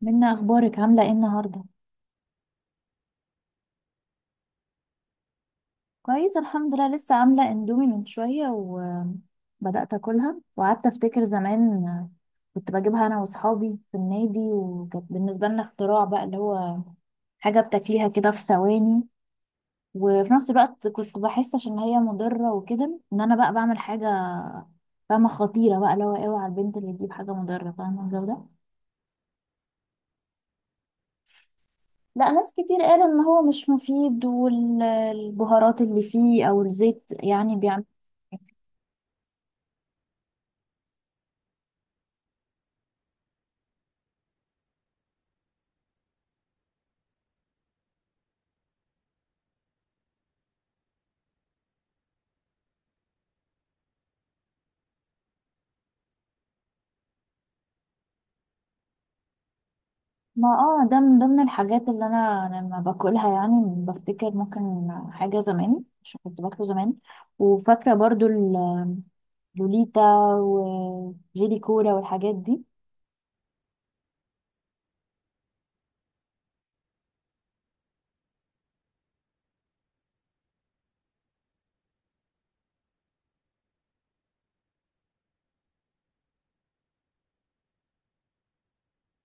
منا، اخبارك؟ عامله ايه النهارده؟ كويس، الحمد لله. لسه عامله اندومي من شويه وبدات اكلها وقعدت افتكر زمان. كنت بجيبها انا واصحابي في النادي، وكانت بالنسبه لنا اختراع، بقى اللي هو حاجه بتاكليها كده في ثواني. وفي نفس الوقت كنت بحس، عشان هي مضره وكده، ان انا بقى بعمل حاجه فاهمه خطيره، بقى اللي هو اوعى البنت اللي تجيب حاجه مضره، فاهمه الجو ده. لا، ناس كتير قالوا ان هو مش مفيد، والبهارات اللي فيه او الزيت يعني بيعمل. ما ده من ضمن الحاجات اللي انا لما باكلها، يعني بفتكر ممكن حاجه زمان عشان كنت باكله زمان. وفاكره برضو اللوليتا وجيلي كولا والحاجات دي.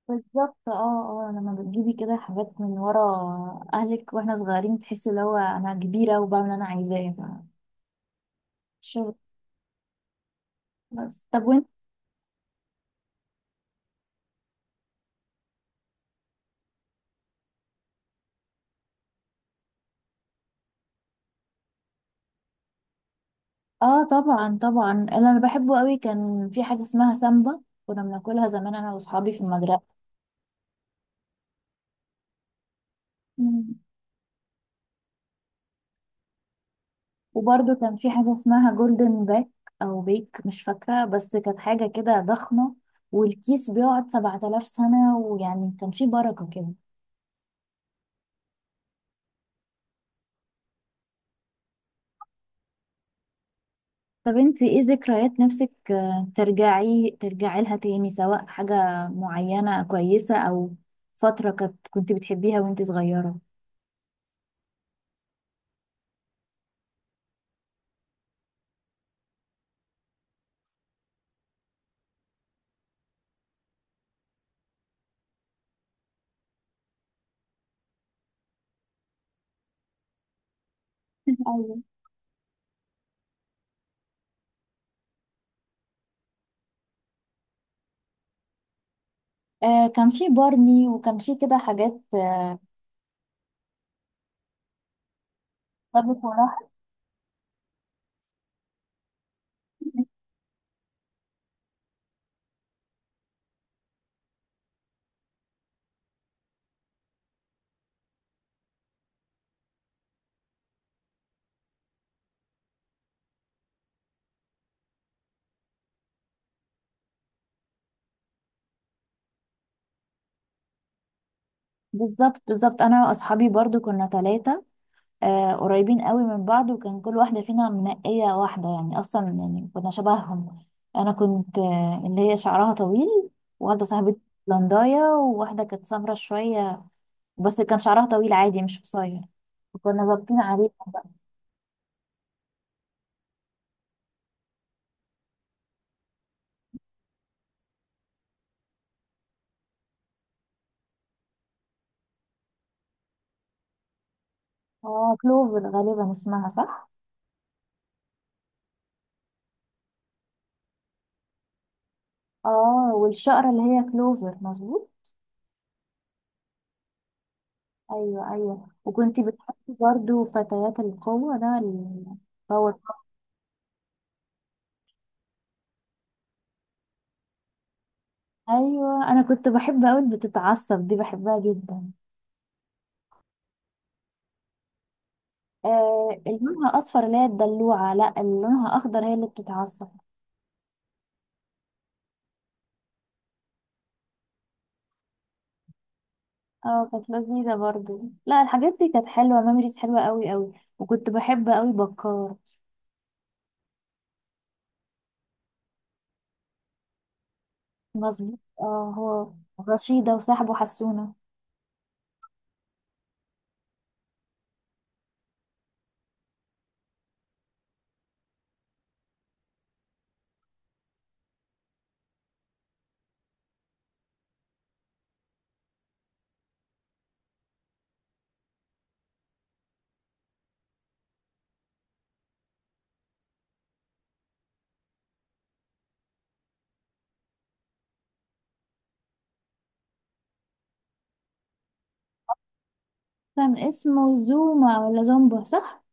بالظبط. اه لما بتجيبي كده حاجات من ورا اهلك واحنا صغيرين، تحسي اللي هو انا كبيره وبعمل اللي انا عايزاه. شغل. بس طب وانت؟ اه، طبعا طبعا، اللي انا بحبه قوي كان في حاجه اسمها سامبا. كنا بناكلها زمان انا واصحابي في المدرسه. وبرضه كان في حاجة اسمها جولدن باك أو بيك، مش فاكرة، بس كانت حاجة كده ضخمة والكيس بيقعد 7000 سنة، ويعني كان في بركة كده. طب انت ايه ذكريات نفسك، ترجعي لها تاني، سواء حاجة معينة كويسة، أو فترة كنت بتحبيها وانت صغيرة؟ ايوه. كان في بارني، وكان في كده حاجات. طب وراها؟ بالظبط بالظبط، انا واصحابي برضو كنا ثلاثة، قريبين قوي من بعض، وكان كل واحدة فينا منقية واحدة، يعني أصلا يعني كنا شبههم. أنا كنت اللي هي شعرها طويل، وواحدة صاحبتي بلنداية، وواحدة كانت سمرة شوية بس كان شعرها طويل عادي مش قصير. وكنا ظابطين عليها بقى. اه كلوفر غالبا اسمها، صح؟ اه والشقرة اللي هي كلوفر، مظبوط. ايوه ايوه، وكنت بتحبي برضو فتيات القوة، ده الباور. ايوه، انا كنت بحب اوي اللي بتتعصب دي، بحبها جدا. آه، اللي لونها اصفر اللي هي الدلوعه؟ لا، اللي لونها اخضر هي اللي بتتعصب. اه، كانت لذيذه برضو. لا، الحاجات دي كانت حلوه، ميموريز حلوه قوي قوي. وكنت بحب قوي بكار. مظبوط، هو رشيده وصاحبه حسونه. كان اسمه زوما ولا زومبا، صح؟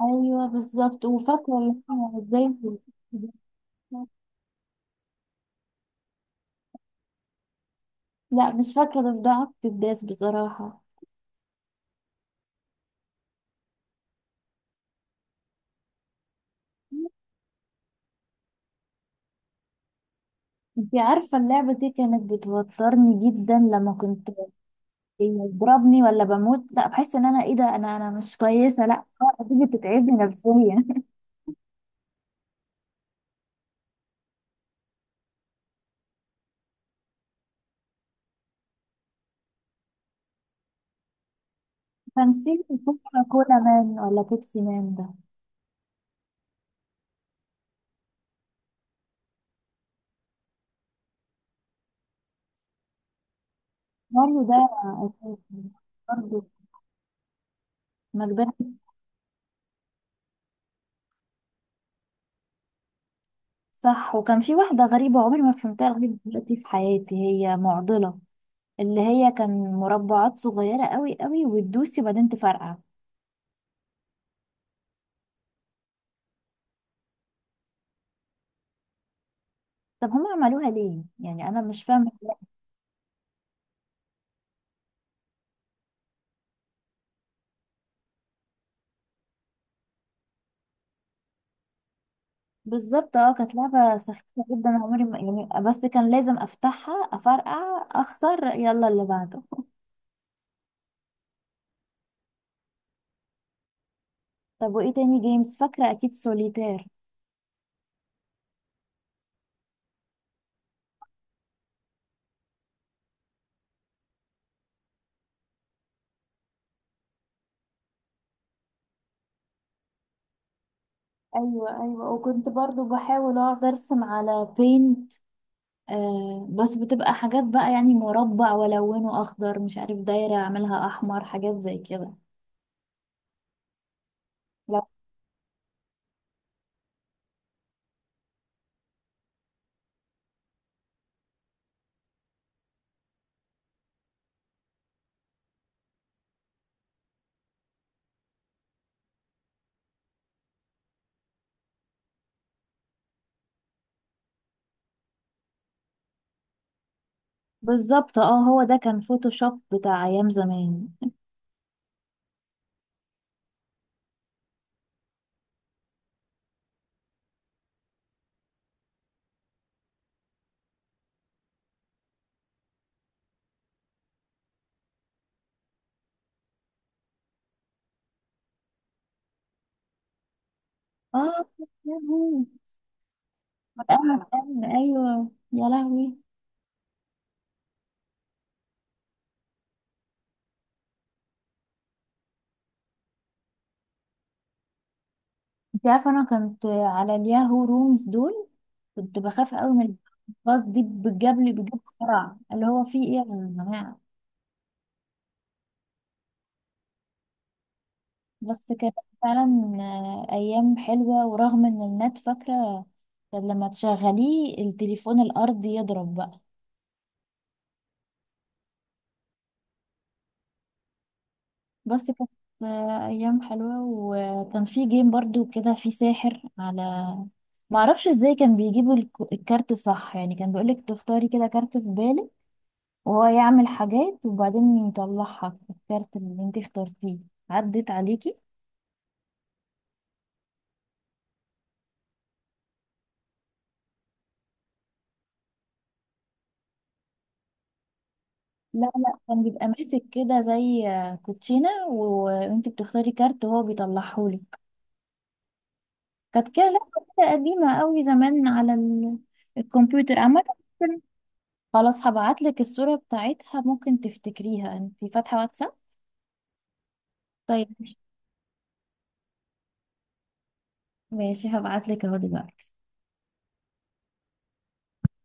ايوه بالظبط، وفاكره اللي هو ازاي. لا، مش فاكره ضفدعه الداس بصراحه. انتي عارفه اللعبه دي كانت بتوترني جدا لما كنت بيضربني ولا بموت، لا بحس ان انا ايه ده، انا مش كويسه، لا تيجي تتعبني نفسيا. تمثيل كوكا كولا مان ولا بيبسي مان ده. ماريو ده أساسي. برضه ما كبرت. صح. وكان في واحده غريبه عمري ما فهمتها لغايه دلوقتي في حياتي، هي معضله، اللي هي كان مربعات صغيره قوي قوي وتدوسي وبعدين تفرقع. طب هم عملوها ليه؟ يعني انا مش فاهمه. بالظبط، كانت لعبة سخيفة جدا، عمري ما يعني، بس كان لازم افتحها افرقع اخسر يلا اللي بعده. طب وايه تاني جيمز؟ فاكرة اكيد سوليتير. ايوه ايوه، وكنت برضو بحاول اقعد ارسم على بينت. بس بتبقى حاجات بقى، يعني مربع والونه اخضر، مش عارف دايرة اعملها احمر، حاجات زي كده. لا. بالظبط، هو ده كان فوتوشوب بتاع ايام زمان. اه يا لهوي. ايوه يا لهوي. انت عارفه انا كنت على الياهو رومز دول، كنت بخاف قوي من الباص دي، بجاب لي بجد بسرعه اللي هو في ايه يا جماعه. بس كانت فعلا ايام حلوه. ورغم ان النت، فاكره، كان لما تشغليه التليفون الارضي يضرب بقى. بس كانت ايام حلوه. وكان في جيم برضو كده، في ساحر على، معرفش ازاي، كان بيجيبوا الكارت، صح؟ يعني كان بيقولك تختاري كده كارت في بالك، وهو يعمل حاجات، وبعدين يطلعها الكارت اللي انت اخترتيه. عدت عليكي؟ لا لا، كان بيبقى ماسك كده زي كوتشينة وانت بتختاري كارت وهو بيطلعهولك. كانت كده لعبة كده قديمة قوي زمان على الكمبيوتر عامة. خلاص، هبعتلك الصورة بتاعتها، ممكن تفتكريها. انت فاتحة واتساب؟ طيب، ماشي، هبعتلك اهو دلوقتي.